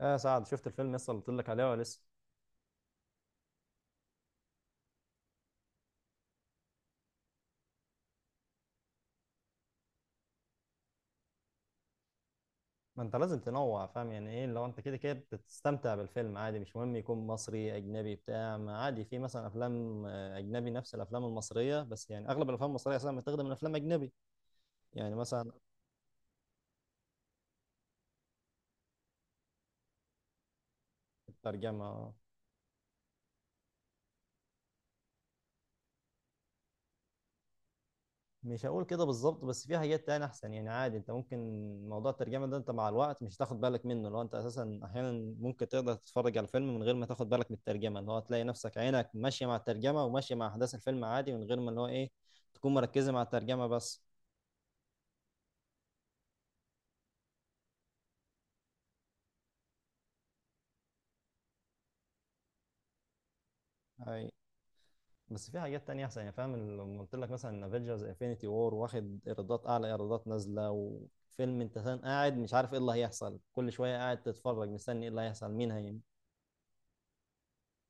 يا سعد شفت الفيلم لسه اللي قلت لك عليه ولا لسه؟ ما انت لازم تنوع، فاهم يعني ايه؟ لو انت كده كده بتستمتع بالفيلم عادي، مش مهم يكون مصري اجنبي بتاع، ما عادي في مثلا افلام اجنبي نفس الافلام المصريه، بس يعني اغلب الافلام المصريه اصلا بتخدم من افلام اجنبي، يعني مثلا. الترجمه مش هقول كده بالظبط، بس في حاجات تانية احسن، يعني عادي انت ممكن موضوع الترجمه ده انت مع الوقت مش هتاخد بالك منه، لو انت اساسا احيانا ممكن تقدر تتفرج على الفيلم من غير ما تاخد بالك من الترجمه، اللي هو تلاقي نفسك عينك ماشيه مع الترجمه وماشيه مع احداث الفيلم عادي من غير ما اللي هو ايه تكون مركزه مع الترجمه بس. أي. بس في حاجات تانية احسن، يعني فاهم لما قلت لك مثلا افنجرز انفينيتي وور، واخد ايرادات اعلى ايرادات نازله، وفيلم انت قاعد مش عارف ايه اللي هيحصل، كل شويه قاعد تتفرج مستني ايه اللي هيحصل مين هي.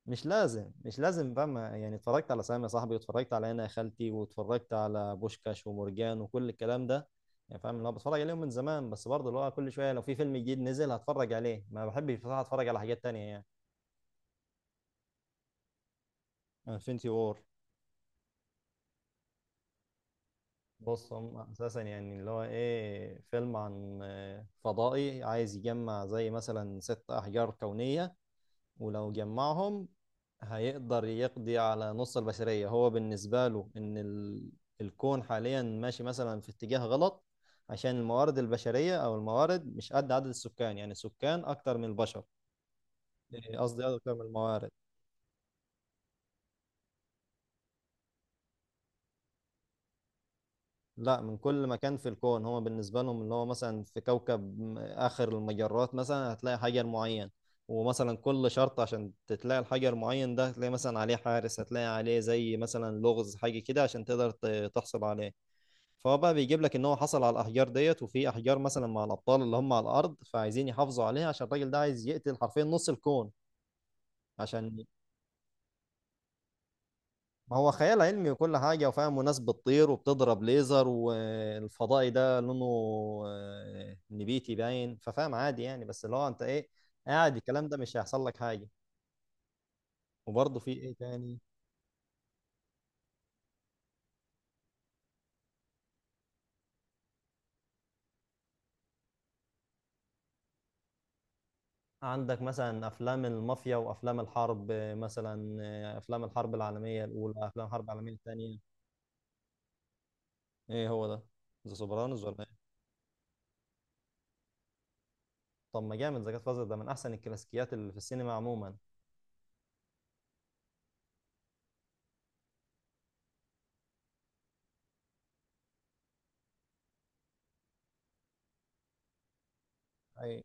مش لازم مش لازم بقى، يعني اتفرجت على سامي يا صاحبي، واتفرجت على انا يا خالتي، واتفرجت على بوشكاش ومرجان وكل الكلام ده، يعني فاهم اللي هو بتفرج عليهم من زمان، بس برضه اللي هو كل شويه لو في فيلم جديد نزل هتفرج عليه، ما بحبش بصراحه اتفرج على حاجات تانية يعني. انفينيتي وور. بص هم اساسا يعني اللي هو ايه فيلم عن فضائي عايز يجمع زي مثلا ست احجار كونيه، ولو جمعهم هيقدر يقضي على نص البشرية، هو بالنسبة له إن ال... الكون حاليا ماشي مثلا في اتجاه غلط، عشان الموارد البشرية أو الموارد مش قد عدد السكان، يعني السكان أكتر من البشر. إيه، قصدي أكتر من الموارد. لا من كل مكان في الكون، هو بالنسبة لهم اللي هو مثلا في كوكب آخر المجرات مثلا هتلاقي حجر معين. ومثلا كل شرط عشان تلاقي الحجر معين ده هتلاقي مثلا عليه حارس، هتلاقي عليه زي مثلا لغز حاجة كده عشان تقدر تحصل عليه. فهو بقى بيجيب لك ان هو حصل على الاحجار ديت، وفي احجار مثلا مع الابطال اللي هم على الارض فعايزين يحافظوا عليها، عشان الراجل ده عايز يقتل حرفيا نص الكون، عشان. ما هو خيال علمي وكل حاجه وفاهم، وناس بتطير وبتضرب ليزر، والفضائي ده لونه نبيتي باين، ففاهم عادي يعني، بس اللي هو انت ايه قاعد الكلام ده مش هيحصل لك حاجه. وبرضه في ايه تاني؟ عندك مثلا افلام المافيا وافلام الحرب، مثلا افلام الحرب العالميه الاولى، افلام الحرب العالميه الثانيه. ايه هو ده؟ ذا سوبرانوس ولا إيه؟ طب ما جامد، ذا جاد فازر ده من احسن الكلاسيكيات اللي في السينما عموما. اي.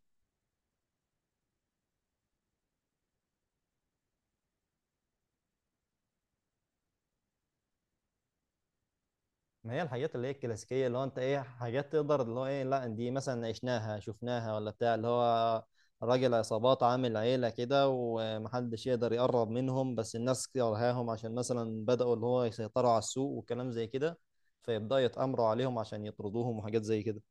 ما هي الحاجات اللي هي الكلاسيكيه اللي هو انت ايه حاجات تقدر اللي هو ايه لا دي مثلا عشناها شفناها، ولا بتاع اللي هو راجل عصابات عامل عيله كده ومحدش يقدر يقرب منهم، بس الناس كرهاهم عشان مثلا بداوا اللي هو يسيطروا على السوق وكلام زي كده، فيبداوا يتامروا عليهم عشان يطردوهم وحاجات زي كده.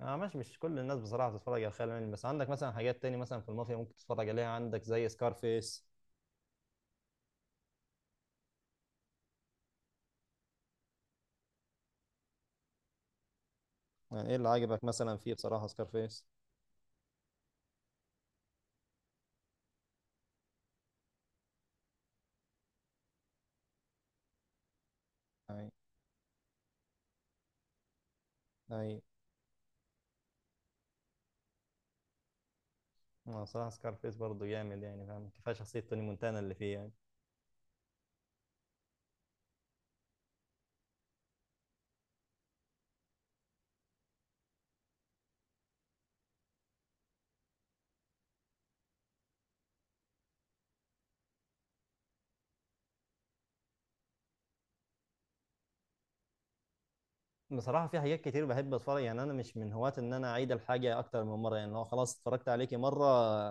اه ماشي، مش كل الناس بصراحه بتتفرج على الخيال العلمي، بس عندك مثلا حاجات تاني، مثلا في المافيا ممكن تتفرج عليها، عندك زي سكارفيس. يعني ايه اللي عاجبك مثلا فيه بصراحة سكارفيس؟ اي. اي. أنا بصراحة سكارفيس برضه جامد، يعني فاهم كفاية شخصية توني مونتانا اللي فيه يعني. بصراحة في حاجات كتير بحب اتفرج، يعني انا مش من هواة ان انا اعيد الحاجة اكتر من مرة، يعني لو خلاص اتفرجت عليكي مرة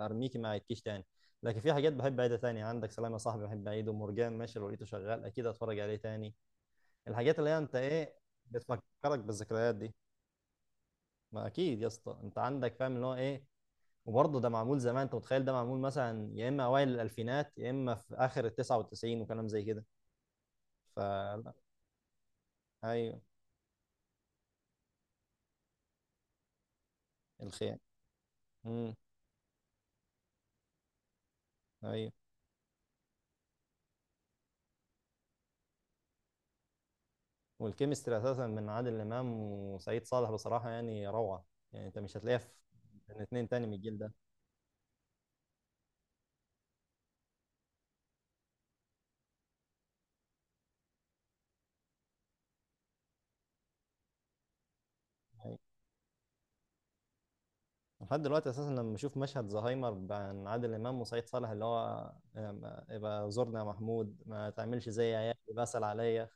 ارميكي ما اعيدكيش تاني. لكن في حاجات بحب اعيدها تاني، عندك سلام يا صاحبي بحب اعيده، مرجان ماشي لو لقيته شغال اكيد اتفرج عليه تاني. الحاجات اللي هي انت ايه بتفكرك بالذكريات دي. ما اكيد يا اسطى انت عندك، فاهم اللي هو ايه. وبرضه ده معمول زمان، انت متخيل ده معمول مثلا يا اما اوائل الالفينات، يا اما في اخر ال 99 وكلام زي كده، فلا. ايوه. الخيال. امم ايوه. والكيمستري اساسا من عادل امام وسعيد صالح بصراحه يعني روعه، يعني انت مش هتلاقيها في من اتنين تاني من الجيل ده. ايوه. لحد دلوقتي اساسا لما بشوف مشهد زهايمر بين عادل امام وسعيد صالح، اللي هو يبقى زورنا يا محمود ما تعملش زي عيالي بسأل عليا.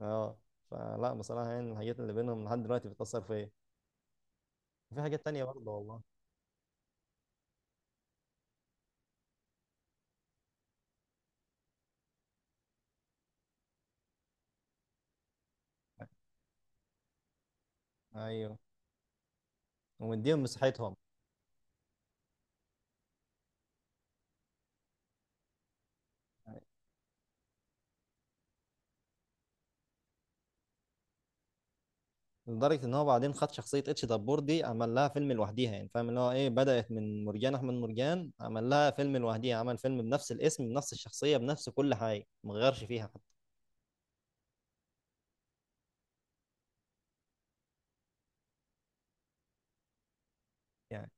اه. فلا بصراحه يعني الحاجات اللي بينهم لحد دلوقتي بتأثر فيا. في حاجات تانية برضه والله. ايوه. ومديهم مساحتهم. لدرجة ان هو بعدين خد شخصية اتش دبور دي عمل لها فيلم لوحديها، يعني فاهم اللي هو ايه بدأت من مرجان احمد مرجان، عمل لها فيلم لوحديها، عمل فيلم بنفس الاسم بنفس الشخصية بنفس كل حاجة، ما غيرش فيها حتى يعني.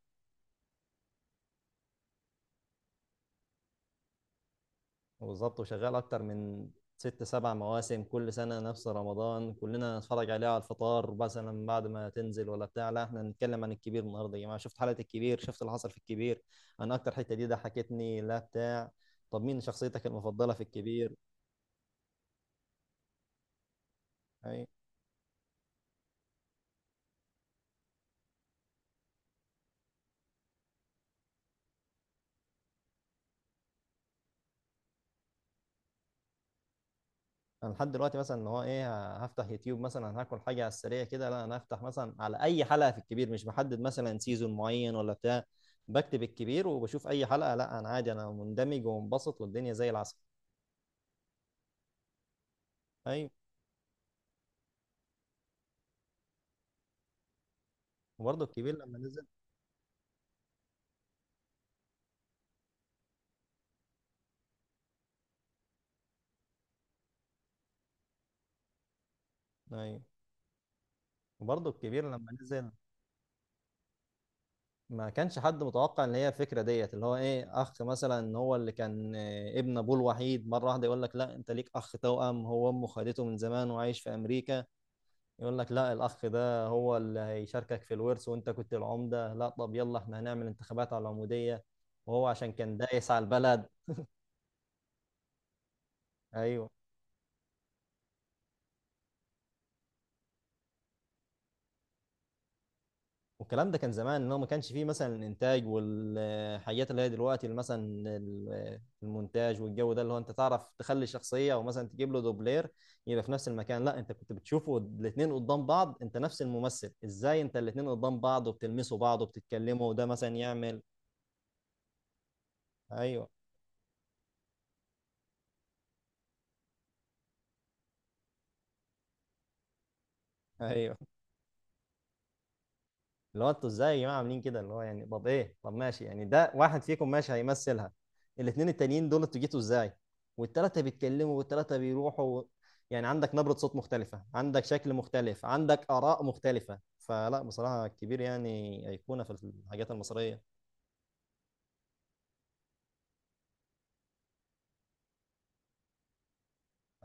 بالظبط. وشغال اكتر من ست سبع مواسم، كل سنه نفس رمضان كلنا نتفرج عليها على الفطار، مثلا بعد ما تنزل ولا بتاع، لا احنا نتكلم عن الكبير النهارده يا جماعه، شفت حلقه الكبير؟ شفت اللي حصل في الكبير؟ انا اكتر حته دي ضحكتني لا بتاع. طب مين شخصيتك المفضله في الكبير؟ اي. انا لحد دلوقتي مثلا اللي هو ايه هفتح يوتيوب مثلا هاكل حاجه على السريع كده، لا انا هفتح مثلا على اي حلقه في الكبير، مش بحدد مثلا سيزون معين ولا بتاع، بكتب الكبير وبشوف اي حلقه، لا انا عادي انا مندمج ومنبسط والدنيا زي العسل. ايوه. وبرضه الكبير لما نزل. ايوه. وبرضه الكبير لما نزل ما كانش حد متوقع ان هي الفكره ديت اللي هو ايه اخ، مثلا هو اللي كان ابن ابوه الوحيد، مره واحده يقول لك لا انت ليك اخ توأم، هو امه خدته من زمان وعايش في امريكا. يقول لك لا الاخ ده هو اللي هيشاركك في الورث، وانت كنت العمده، لا طب يلا احنا هنعمل انتخابات على العموديه، وهو عشان كان دايس على البلد. ايوه. والكلام ده كان زمان ان هو ما كانش فيه مثلا الانتاج والحاجات اللي هي دلوقتي، اللي مثلا المونتاج والجو ده اللي هو انت تعرف تخلي شخصيه، او مثلا تجيب له دوبلير يبقى في نفس المكان، لا انت كنت بتشوفه الاثنين قدام بعض، انت نفس الممثل ازاي انت الاثنين قدام بعض وبتلمسوا بعض وبتتكلموا، وده مثلا يعمل. ايوه. ايوه. اللي هو انتوا ازاي يا جماعه عاملين كده، اللي هو يعني طب ايه، طب ماشي يعني ده واحد فيكم ماشي هيمثلها، الاثنين التانيين دول انتوا جيتوا ازاي؟ والثلاثه بيتكلموا والثلاثه بيروحوا و... يعني عندك نبره صوت مختلفه، عندك شكل مختلف، عندك اراء مختلفه، فلا بصراحه كبير يعني ايقونه في الحاجات المصريه.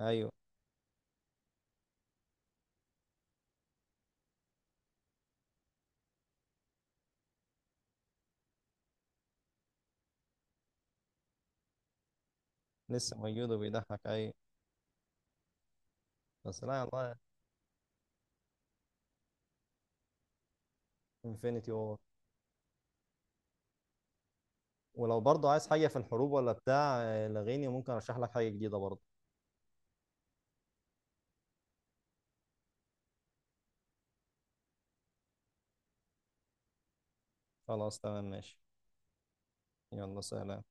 ايوه. لسه موجود وبيضحك. ايوه. بس لا والله. انفينيتي اوفر. ولو برضه عايز حاجه في الحروب ولا بتاع، لغيني ممكن ارشح لك حاجه جديده برضه. خلاص تمام ماشي. يلا سلام.